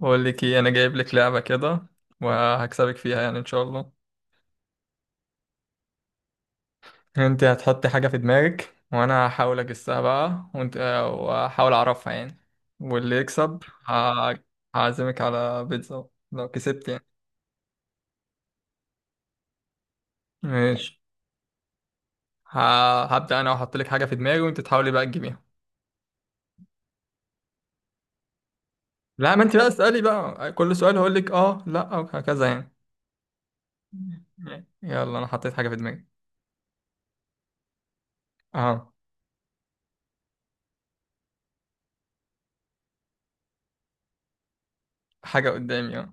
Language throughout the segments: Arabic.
بقول لك ايه، انا جايب لك لعبة كده وهكسبك فيها يعني ان شاء الله. انت هتحطي حاجة في دماغك وانا هحاول اجسها بقى، وانت واحاول اعرفها يعني، واللي يكسب ه- هعزمك على بيتزا لو كسبت يعني. ماشي. هبدأ انا واحط لك حاجة في دماغي، وانت تحاولي بقى تجيبيها. لا، ما انت بقى اسألي بقى، كل سؤال هقول لك اه لا وهكذا يعني. يلا، انا حطيت حاجة في دماغي. اه. حاجة قدامي اه.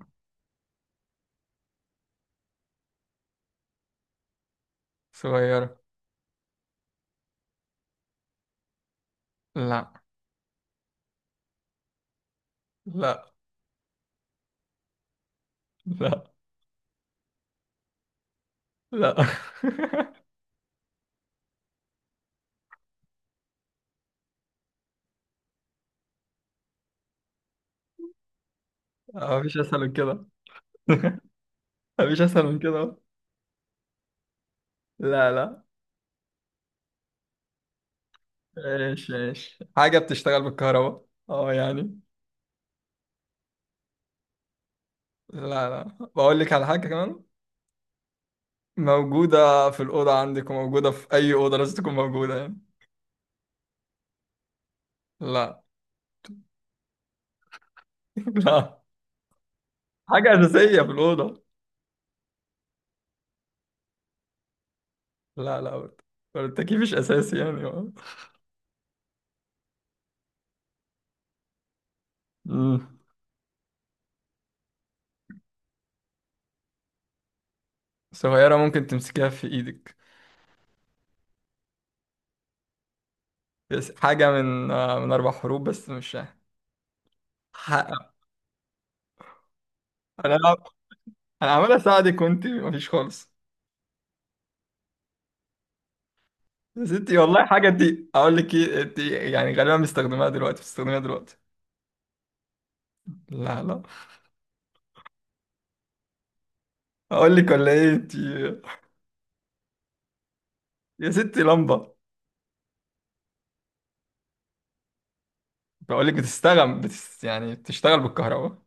صغيرة. لا. لا. لا. لا. مفيش اسهل من كده. مفيش اسهل من كده. لا لا. ايش ايش، حاجه بتشتغل بالكهرباء اه يعني. لا لا. بقول لك على حاجه كمان، موجوده في الاوضه عندك وموجوده في اي اوضه لازم تكون موجوده يعني. لا. لا. حاجه اساسيه في الاوضه. لا لا برضه. برضه التكييف مش اساسي يعني. امم صغيره ممكن تمسكيها في ايدك، بس حاجه من اربع حروف بس مش ح- انا انا عمال اساعدك وانت مفيش خالص. يا ستي والله، حاجه دي اقول لك ايه، انت يعني غالبا مستخدماها دلوقتي، بتستخدميها دلوقتي. لا لا. اقول لك ولا ايه انت. يا ستي، لمبه. بقول لك بتستخدم يعني بتشتغل بالكهرباء.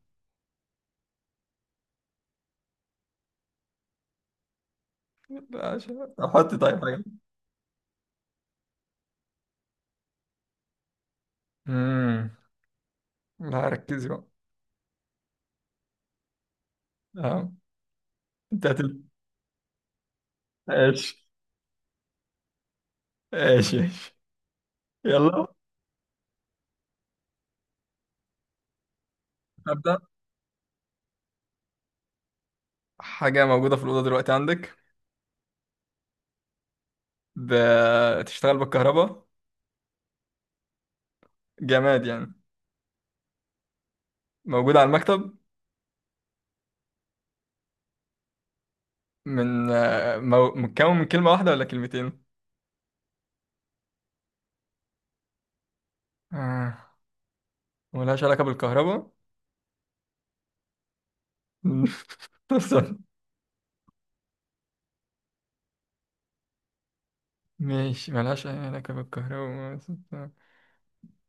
لا، طب حطي طيب حاجه. امم لا ركزي بقى. آه. انت هتل. ماشي. ماشي ماشي. يلا. ابدا. حاجه موجوده في الاوضه دلوقتي عندك. بتشتغل بالكهرباء. جماد يعني. موجوده على المكتب. متكون من كلمة واحدة ولا كلمتين؟ آه. ملهاش علاقة بالكهرباء؟ طب استنى. ماشي، ملهاش أي علاقة بالكهرباء.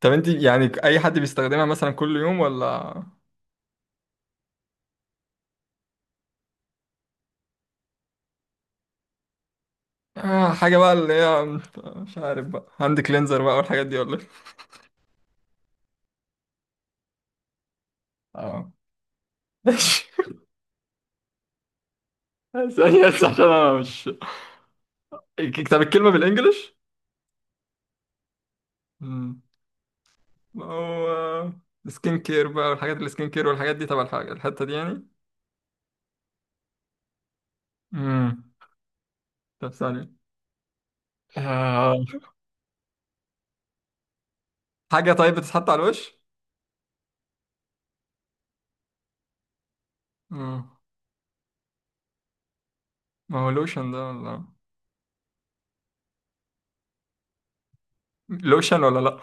طب انت يعني أي حد بيستخدمها مثلا كل يوم ولا. آه، حاجة بقى اللي هي، مش عارف بقى هاند كلينزر بقى والحاجات دي ولا ايه؟ اه ماشي. ثانية بس عشان أنا مش. طب الكلمة بالإنجلش؟ مم. ما هو سكين كير بقى والحاجات، السكين كير والحاجات دي تبع الحتة دي يعني؟ مم. طب ثانية آه. حاجة طيب بتتحط على الوش؟ مم. ما هو لوشن ده ولا، لوشن ولا لأ؟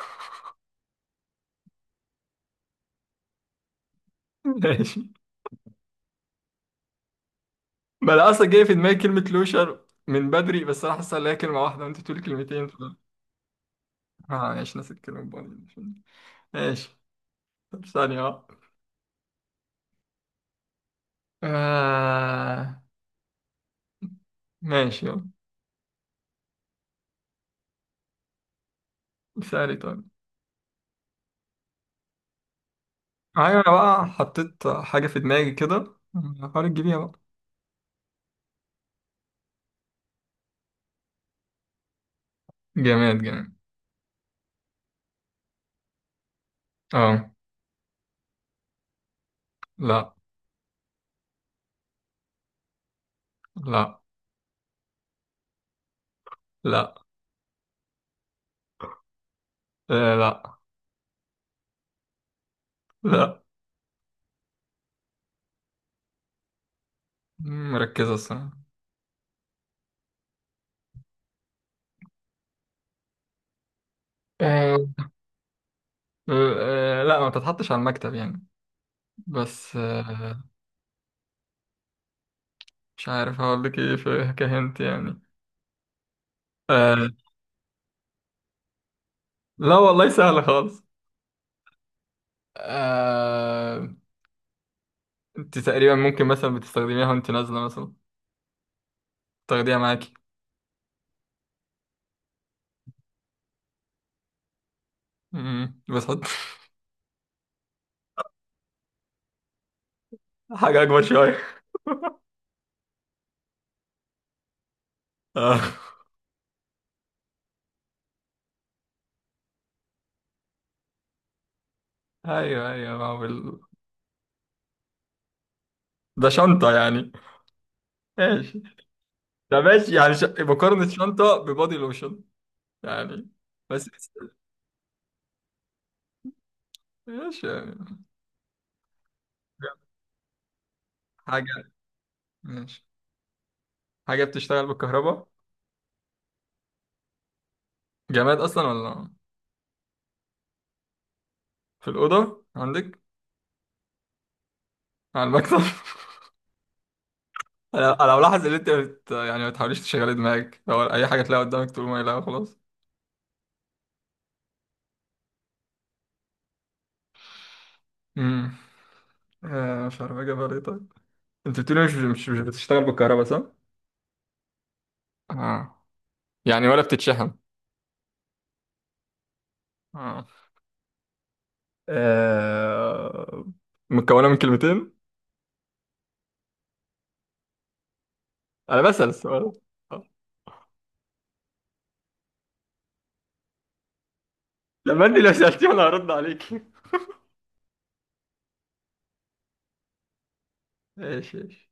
ماشي، ما أنا أصلا جاي في دماغي كلمة لوشن من بدري، بس أنا حاسس إن هي كلمة واحدة وأنت بتقولي كلمتين آه ماشي، ناس الكلمة بودي. ماشي. طب ثانية بقى. آه. ماشي يلا. سألي طيب. أيوة، أنا بقى حطيت حاجة في دماغي كده، حاول تجيبيها بقى. جماد جماد. أه. لأ. لأ. لأ. آه، لأ. لأ. مركزة الصراحة. آه، أه، آه، لا ما تتحطش على المكتب يعني، بس مش عارف هقول لك ايه في كهنت يعني. أه، لا والله سهلة خالص. أه، انت تقريبا ممكن مثلا بتستخدميها وانت نازلة مثلا تاخديها معاكي. بس حط. حاجة أكبر شوية. أه، أيوه أيوه، ما هو ده شنطة يعني. ماشي، ده ماشي يعني، مقارنة شنطة ببادي لوشن يعني، بس ماشي يعني. حاجة، ماشي، حاجة بتشتغل بالكهرباء. جماد أصلا ولا. في الأوضة عندك. على المكتب. أنا ملاحظ إن أنت يعني ما تحاوليش تشغلي دماغك، هو أي حاجة تلاقيها قدامك تقول ما لا خلاص. امم آه مش عارف أجيبها ليه طيب. أنت بتقولي مش بتشتغل بالكهرباء صح؟ آه، يعني ولا بتتشحن. آه آه، مكونة من كلمتين. أنا بسأل السؤال. آه. لما أنت لو سألتيه أنا هرد عليك. ايش ايش.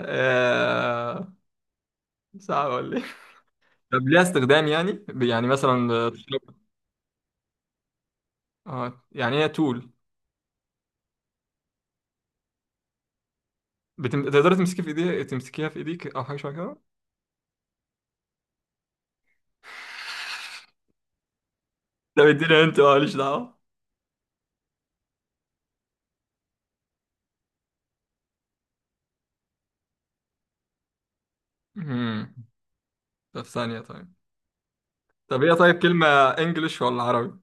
آه... صعب ولا إيه؟ طب ليها استخدام يعني، يعني مثلا بتشرب. اه يعني هي تول. تقدري تمسكي في ايديها تمسكيها في ايديك او حاجه شبه كده. طب اديني انت ماليش دعوه. امم طب ثانيه طيب. طب هي طيب كلمه، انجلش ولا عربي.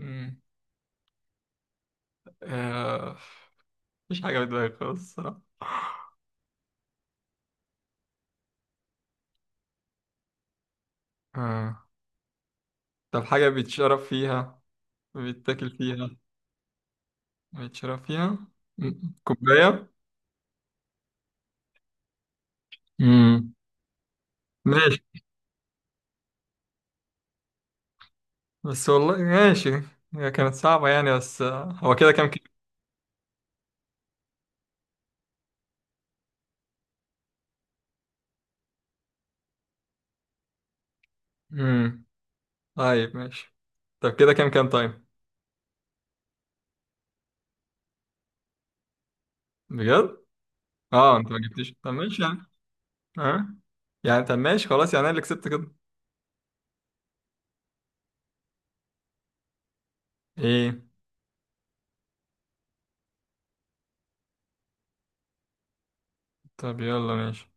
امم آه... مفيش حاجه بتضايق خالص الصراحه. آه. طب حاجه بيتشرب فيها، بيتاكل فيها، بيتشرب فيها. مم. كوبايه. امم ماشي. بس والله ماشي، هي كانت صعبه يعني، بس هو كده كام كده. امم طيب ماشي. طب كده كام كام طيب. بجد. اه، انت ما جبتيش، طب ماشي يعني. ها. يعني طب ماشي خلاص يعني، انا اللي كسبت كده. ايه. طب يلا ماشي.